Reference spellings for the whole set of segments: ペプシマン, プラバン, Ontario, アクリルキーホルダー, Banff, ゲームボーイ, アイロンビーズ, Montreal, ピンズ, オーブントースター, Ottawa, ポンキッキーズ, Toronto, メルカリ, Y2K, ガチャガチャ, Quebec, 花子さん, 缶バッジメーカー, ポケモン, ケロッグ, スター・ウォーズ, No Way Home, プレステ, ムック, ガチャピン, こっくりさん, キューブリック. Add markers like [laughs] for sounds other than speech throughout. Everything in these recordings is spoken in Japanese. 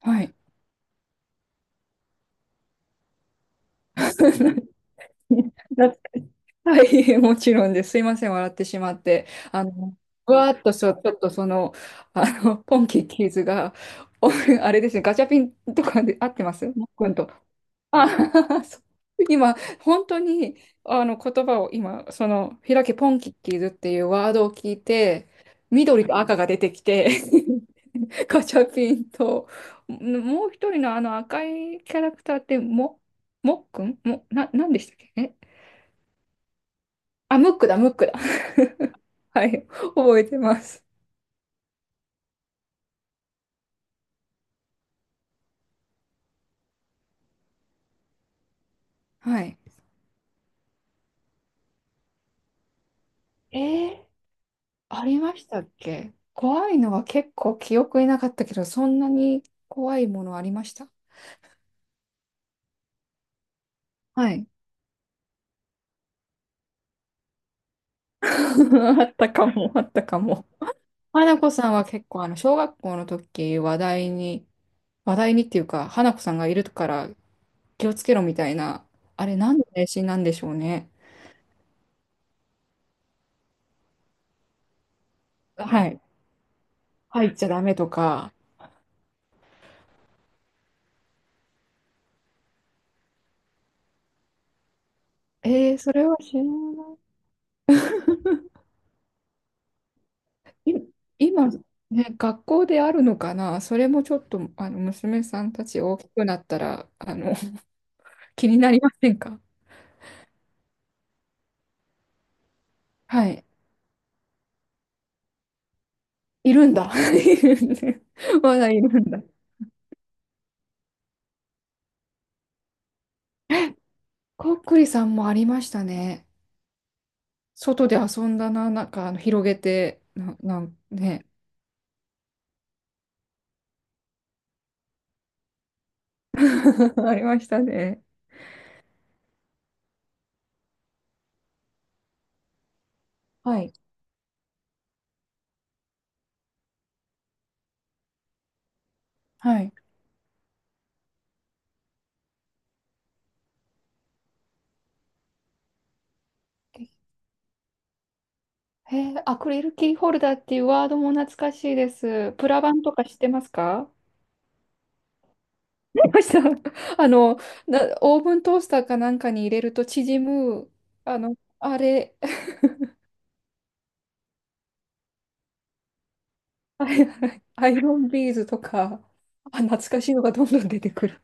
はい。[laughs] だはい、もちろんです。すいません、笑ってしまって。あの、うわーっとそう、ちょっとその、あの、ポンキッキーズが、おあれですね、ガチャピンとかで合ってます、もっくんと、あ、[laughs] そう、今、本当に、あの、言葉を今、その、開けポンキッキーズっていうワードを聞いて、緑と赤が出てきて、[laughs] ガチャピンと、もう一人のあの赤いキャラクターって、もっくんも、なんでしたっけ？え、あ、ムックだ、ムックだ。[laughs] はい、覚えてます。はい。えー、ありましたっけ？怖いのは結構記憶になかったけど、そんなに怖いものありました？はい。[laughs] あったかも、あったかも。花子さんは結構、あの、小学校の時、話題に、話題にっていうか、花子さんがいるから気をつけろみたいな、あれ、何の迷信なんでしょうね。はい。入っちゃダメとか。えー、それは知らない。今、ね、学校であるのかな？それもちょっと、あの、娘さんたち大きくなったら、あの、[laughs] 気になりませんか？はい。いるんだ。[laughs] いるんだ、まだいるんだ。こっくりさんもありましたね。外で遊んだな、なんかあの広げて、なんね。[laughs] ありましたね。はい。はい。へえ、アクリルキーホルダーっていうワードも懐かしいです。プラバンとか知ってますか？ありました。[laughs] あの、オーブントースターかなんかに入れると縮む、あの、あれ、[laughs] あれ、アイロンビーズとか、あ、懐かしいのがどんどん出てくる。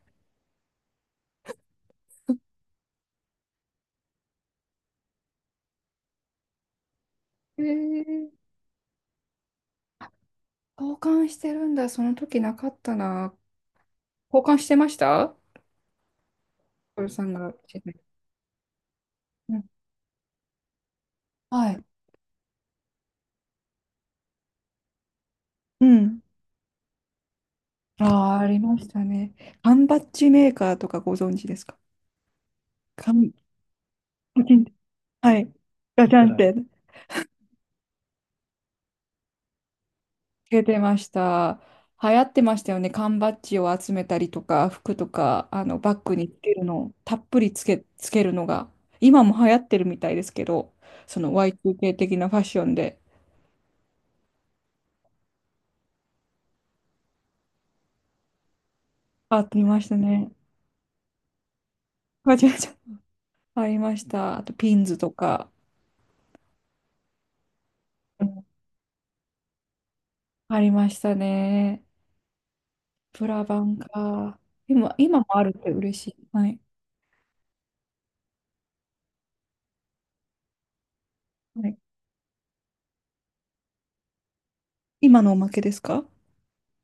へえ、交換してるんだ。その時なかったな。交換してました？トルさんが。うん、はい。うん。ああ、ありましたね。缶バッジメーカーとかご存知ですか？缶、パキンって。はい。ガチャンって。出てました。流行ってましたよね。缶バッジを集めたりとか、服とか、あの、バッグにつけるのを、たっぷりつけるのが、今も流行ってるみたいですけど、その Y2K 的なファッションで、ありましたね。ガチャガチャありました。あと、ピンズとか、うん、ありましたね。プラバンか。今もあるって嬉しい。はい。はい。今のおまけですか？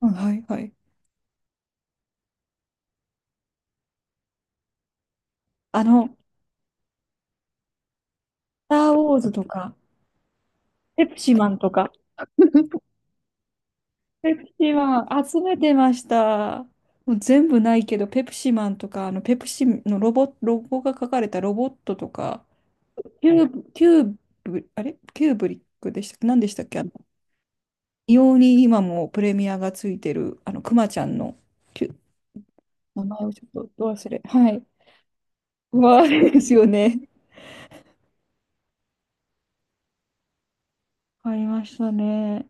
うん、はい、はい。あの、スター・ウォーズとか、ペプシマンとか、[laughs] ペプシマン集めてました。もう全部ないけど、ペプシマンとか、あの、ペプシのロゴが書かれたロボットとか、キューブ、あれキューブリックでしたっけ？何でしたっけ？あの、異様に今もプレミアがついてる、あの、クマちゃんの、キュ、名前をちょっとど忘れ。はい。まあ、ですよね。わかりましたね。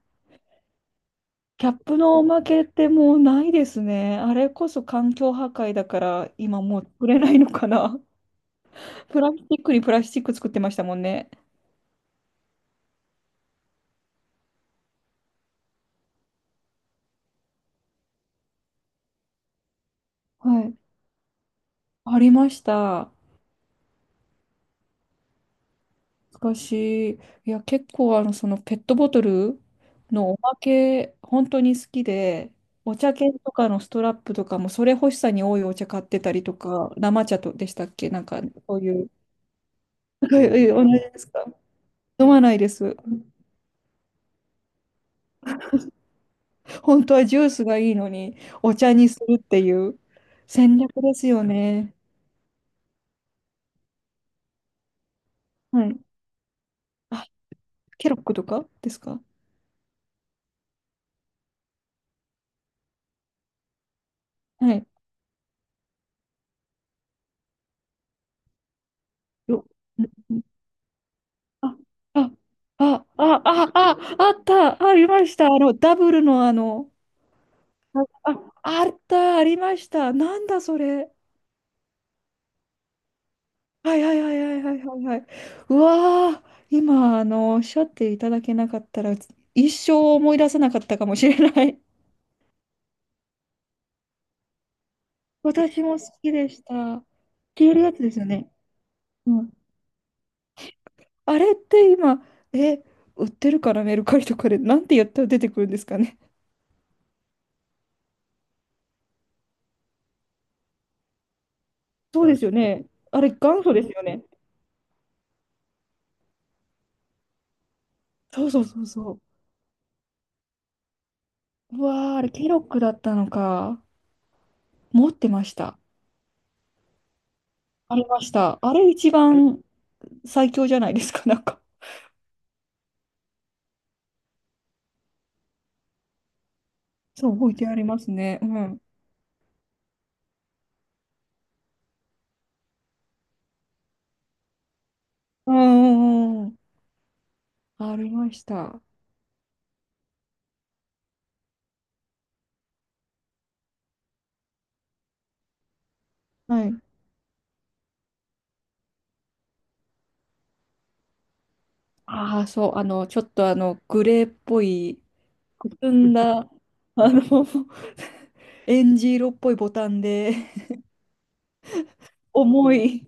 キャップのおまけってもうないですね。あれこそ環境破壊だから今もう作れないのかな。[laughs] プラスチックにプラスチック作ってましたもんね。はい。ありました。しかしい。いや、結構あの、そのペットボトルのおまけ、本当に好きで、お茶券とかのストラップとかも、それ欲しさに多いお茶買ってたりとか、生茶とでしたっけ？なんか、そういう。[laughs] 同じですか？飲まないです。本当はジュースがいいのに、お茶にするっていう戦略ですよね。はい。あ、ケロックとかですか？はい。よ、うん、あ、あ、あった、ありました。あの、ダブルのあの、あ、あ、あった、ありました。なんだそれ。はいはいはいはいはいはいはい。うわー、今、あの、おっしゃっていただけなかったら、一生思い出せなかったかもしれない。[laughs] 私も好きでした。消えるやつですよね。うん、あれって今、え、売ってるかな、メルカリとかで。なんてやったら出てくるんですかね。そうですよね。あれ、元祖ですよね。そうそうそうそう。うわー、あれ、ケロッグだったのか。持ってました。ありました。あれ、一番最強じゃないですか、なんか。そう、置いてありますね。うん。うんうんうんうん。ありました。はい。ああ、そう、あの、ちょっとあの、グレーっぽい、くすんだ、あの、[laughs] エンジ色っぽいボタンで、重い。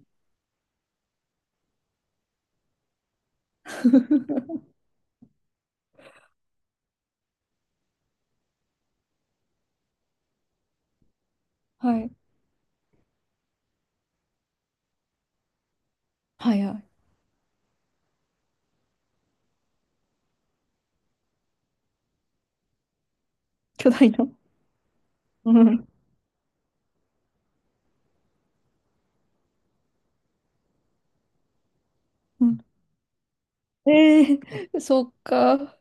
はい。はいはい。巨大な。うん。うん。ええ、 [laughs] そっか。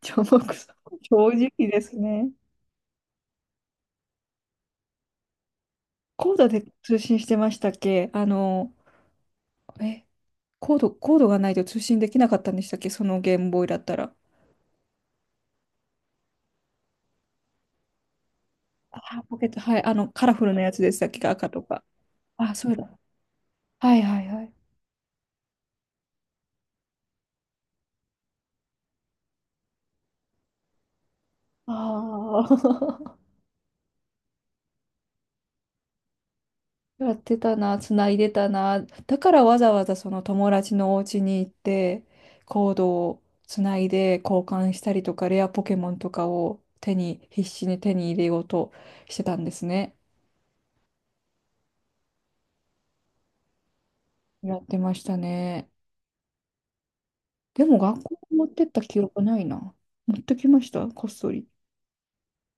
じゃあ、僕さん正直ですね。コードで通信してましたっけ？あの、え、コードがないと通信できなかったんでしたっけ？そのゲームボーイだったら。ああポケット、はい。あの、カラフルなやつでしたっけ？赤とか。ああ、そうだ。はいはいはい。ああ。やってたな、つないでたな。だからわざわざその友達のお家に行って、コードをつないで交換したりとか、レアポケモンとかを手に、必死に手に入れようとしてたんですね。やってましたね。でも学校に持ってった記憶ないな。持ってきました、こっそり。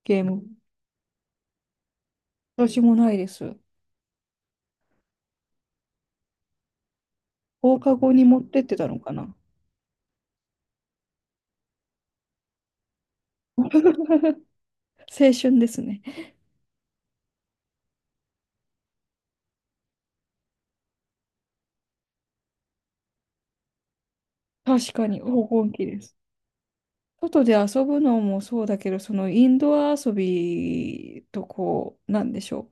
ゲーム。私もないです。放課後に持ってってたのかな。青春ですね。確かに黄金期です。外で遊ぶのもそうだけど、そのインドア遊びとこう、なんでしょ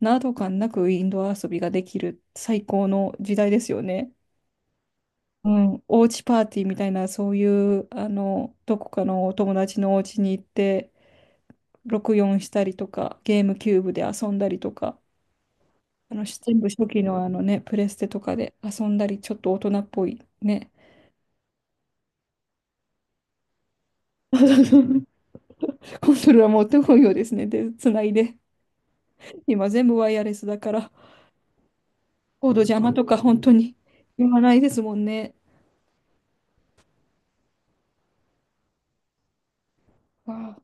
う。など感なくインドア遊びができる最高の時代ですよね。うん、おうちパーティーみたいな、そういう、あの、どこかのお友達のお家に行って、64したりとか、ゲームキューブで遊んだりとか、あの、全部初期のあのね、プレステとかで遊んだり、ちょっと大人っぽいね。[laughs] コントローラー持ってこいようですね。で、つないで。今全部ワイヤレスだから。コード邪魔とか本当に言わないですもんね。わあ、